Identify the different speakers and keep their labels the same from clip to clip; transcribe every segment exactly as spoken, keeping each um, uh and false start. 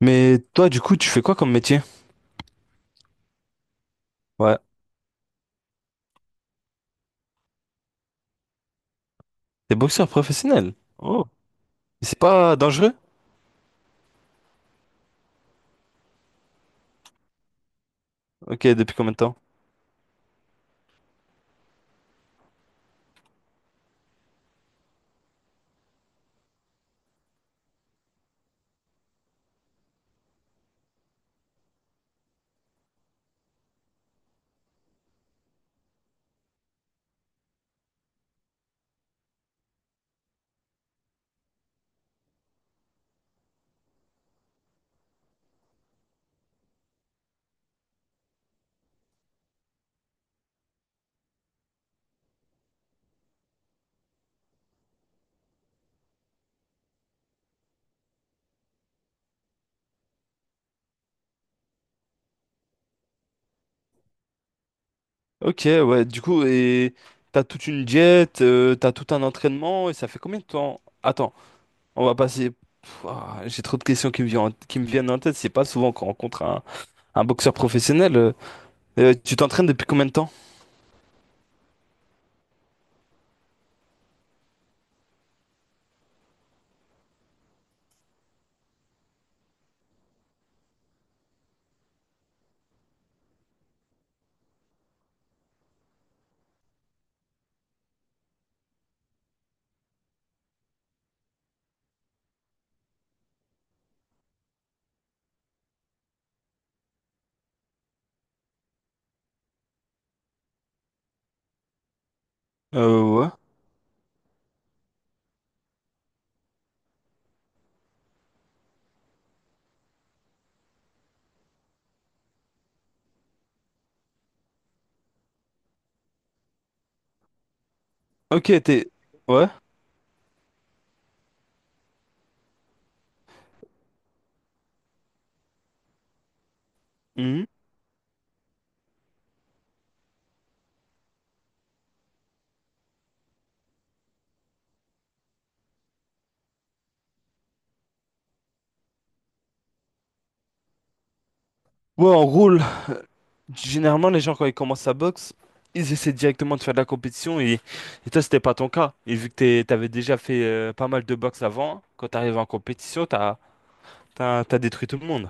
Speaker 1: Mais toi, du coup, tu fais quoi comme métier? Ouais. T'es boxeur professionnel. Oh. Et c'est pas dangereux? Ok, depuis combien de temps? Ok, ouais, du coup, et t'as toute une diète, euh, t'as tout un entraînement, et ça fait combien de temps? Attends, on va passer. Pff, ah, j'ai trop de questions qui me viennent, en- qui me viennent en tête. C'est pas souvent qu'on rencontre un, un boxeur professionnel. euh. Euh, tu t'entraînes depuis combien de temps? Euh, ouais. Ok, t'es. Ouais. Mhm. Ouais, en gros, généralement, les gens, quand ils commencent à boxe, ils essaient directement de faire de la compétition et, et toi, c'était pas ton cas. Et vu que t'es- t'avais déjà fait euh, pas mal de boxe avant, quand t'arrives en compétition, t'as, t'as, t'as détruit tout le monde.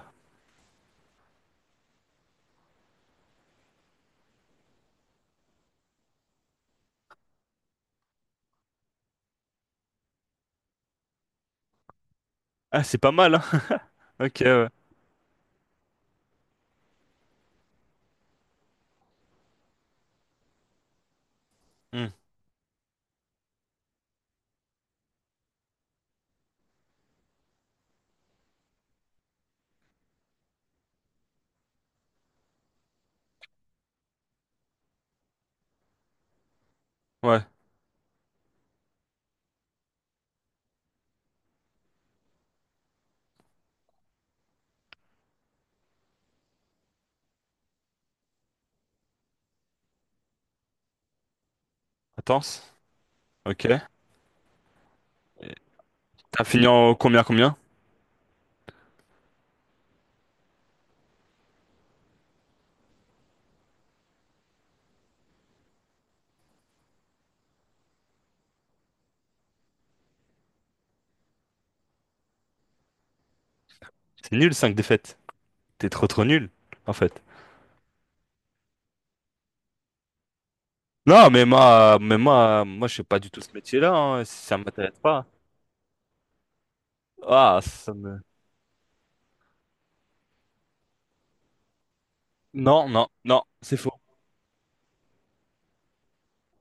Speaker 1: Ah, c'est pas mal, hein? Ok, ouais. Hmm. Ouais. Attends. Ok. Et t'as fini en combien, combien? C'est nul, cinq défaites. T'es trop, trop nul, en fait. Non, mais moi, mais moi, moi, je fais pas du tout ce métier-là, hein. Ça m'intéresse pas. Ah, ça me... Non, non, non, c'est faux.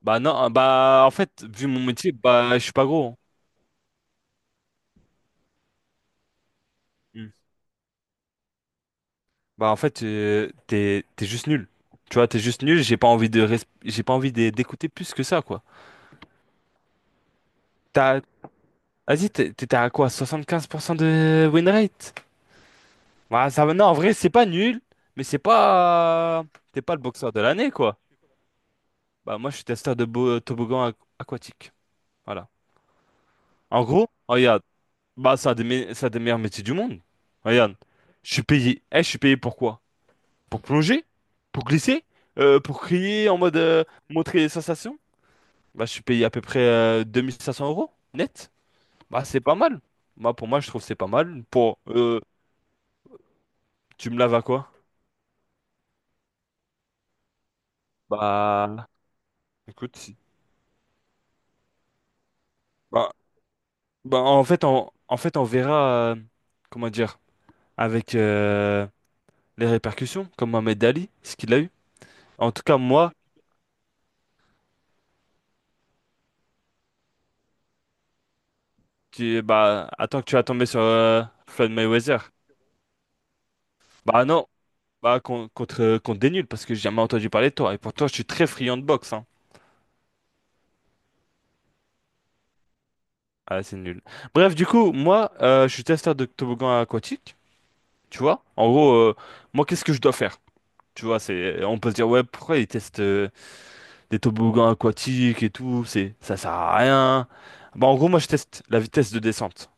Speaker 1: Bah non, euh, bah en fait, vu mon métier, bah je suis pas gros. Hein. Mm. Bah en fait, euh, t'es t'es juste nul. Tu vois, t'es juste nul, j'ai pas envie de res- j'ai pas envie d'é- d'écouter plus que ça, quoi. T'as Vas-y, t'es- t'étais à quoi? soixante-quinze pour cent de win rate? Bah ça va- non, en vrai, c'est pas nul, mais c'est pas t'es pas le boxeur de l'année, quoi. Bah moi, je suis testeur de bo- toboggan aqu- aquatique. Voilà. En gros, oh, regarde, bah ça a des, me- ça a des meilleurs métiers du monde. Regarde, je suis payé. Eh, je suis payé pourquoi? Pour plonger? Pour glisser? Euh, pour crier en mode euh, montrer les sensations? Bah, je suis payé à peu près euh, deux mille cinq cents euros net. Bah, c'est pas mal. Bah, pour moi, je trouve que c'est pas mal. Pour, euh, tu me laves à quoi? Bah, écoute, si- bah, bah, en fait, on, en fait, on verra, euh, comment dire, avec euh, les répercussions, comme Mohamed Ali, ce qu'il a eu. En tout cas, moi, tu, bah, attends que tu vas tomber sur euh, Floyd Mayweather. Bah non, bah, contre, contre, contre des nuls, parce que j'ai jamais entendu parler de toi. Et pourtant, je suis très friand de boxe, hein. Ah, c'est nul. Bref, du coup, moi, euh, je suis testeur de toboggan aquatique, tu vois. En gros, euh, moi, qu'est-ce que je dois faire? Tu vois, c'est, on peut se dire, ouais, pourquoi ils testent euh, des toboggans aquatiques et tout, c'est, ça sert à rien. Bah, en gros, moi, je teste la vitesse de descente.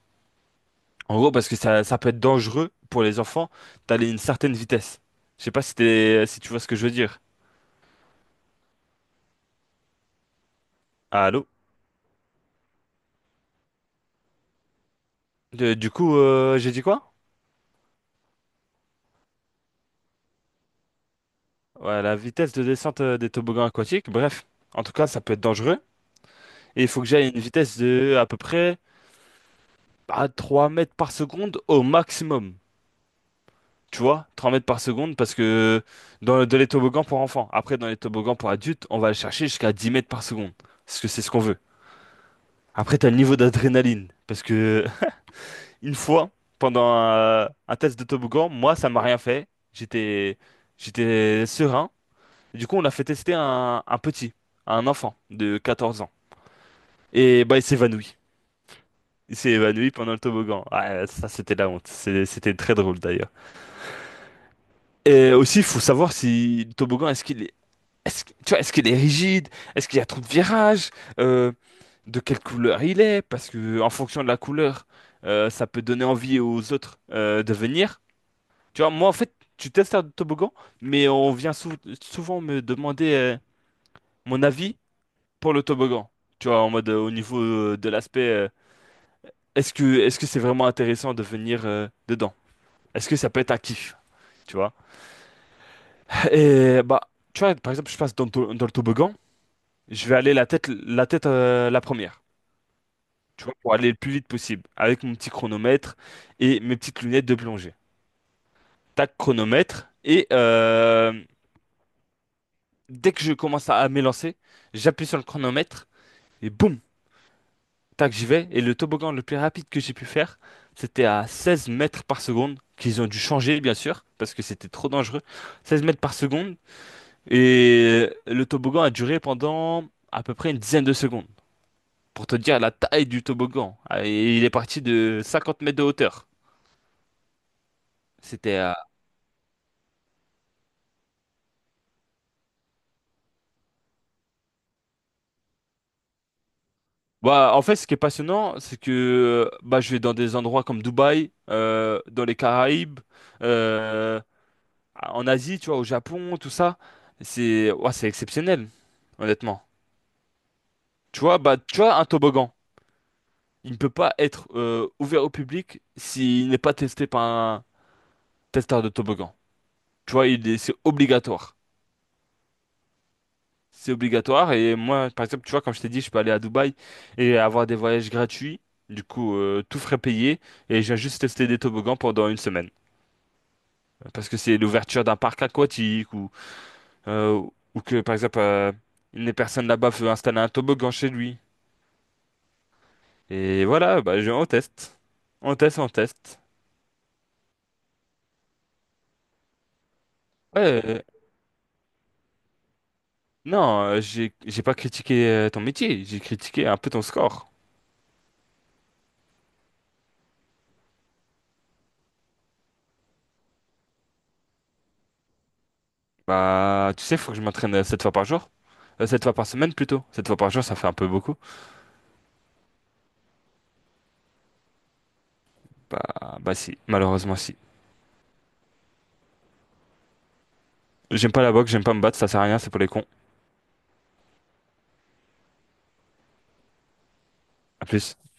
Speaker 1: En gros, parce que ça, ça peut être dangereux pour les enfants d'aller à une certaine vitesse. Je sais pas si t'es- si tu vois ce que je veux dire. Allô? Euh, Du coup, euh, j'ai dit quoi? Ouais, la vitesse de descente euh, des toboggans aquatiques, bref, en tout cas, ça peut être dangereux. Et il faut que j'aille à une vitesse de à peu près à trois mètres par seconde au maximum. Tu vois, trois mètres par seconde, parce que dans le- de les toboggans pour enfants. Après, dans les toboggans pour adultes, on va aller chercher jusqu'à dix mètres par seconde. Parce que c'est ce qu'on veut. Après, t'as le niveau d'adrénaline. Parce que une fois, pendant un, un test de toboggan, moi, ça m'a rien fait. J'étais, j'étais serein. Du coup, on a fait tester un, un petit, un enfant de quatorze ans. Et bah, il s'évanouit. Il s'est évanoui pendant le toboggan. Ah, ça, c'était la honte. C'est- C'était très drôle d'ailleurs. Et aussi, il faut savoir si le toboggan, est-ce qu'il est, est-ce, que- tu vois, est-ce qu'il est rigide? Est-ce qu'il y a trop de virages? Euh, de quelle couleur il est? Parce que en fonction de la couleur, euh, ça peut donner envie aux autres euh, de venir. Tu vois, moi, en fait, tu testes un toboggan, mais on vient sou- souvent me demander euh, mon avis pour le toboggan. Tu vois, en mode euh, au niveau euh, de l'aspect euh, est-ce que est-ce que c'est vraiment intéressant de venir euh, dedans? Est-ce que ça peut être un kiff? Tu vois? Et bah, tu vois, par exemple, je passe dans, le to- dans le toboggan, je vais aller la tête la tête euh, la première, tu vois, pour aller le plus vite possible, avec mon petit chronomètre et mes petites lunettes de plongée. Tac, chronomètre, et euh, dès que je commence à, à m'élancer, j'appuie sur le chronomètre, et boum! Tac, j'y vais. Et le toboggan le plus rapide que j'ai pu faire, c'était à seize mètres par seconde, qu'ils ont dû changer, bien sûr, parce que c'était trop dangereux. seize mètres par seconde. Et le toboggan a duré pendant à peu près une dizaine de secondes. Pour te dire la taille du toboggan. Ah, et il est parti de cinquante mètres de hauteur. C'était. Euh, Bah, en fait, ce qui est passionnant, c'est que euh, bah, je vais dans des endroits comme Dubaï, euh, dans les Caraïbes. euh, Ah, en Asie, tu vois, au Japon, tout ça, c'est ouah, c'est exceptionnel, honnêtement. Tu vois, bah, tu vois, un toboggan, il ne peut pas être euh, ouvert au public s'il n'est pas testé par un testeur de toboggan. Tu vois, il est- c'est obligatoire. C'est obligatoire. Et moi, par exemple, tu vois, comme je t'ai dit, je peux aller à Dubaï et avoir des voyages gratuits. Du coup, euh, tout frais payé. Et j'ai juste testé des toboggans pendant une semaine. Parce que c'est l'ouverture d'un parc aquatique ou, euh, ou que, par exemple, euh, une personne là-bas veut installer un toboggan chez lui. Et voilà, bah, je, on teste. On teste, on teste. Ouais, euh, non, euh, j'ai, j'ai pas critiqué euh, ton métier, j'ai critiqué un peu ton score. Bah, tu sais, faut que je m'entraîne euh, sept fois par jour. Euh, sept fois par semaine plutôt. Sept fois par jour, ça fait un peu beaucoup. Bah, bah si, malheureusement si. J'aime pas la boxe, j'aime pas me battre, ça sert à rien, c'est pour les cons. À plus.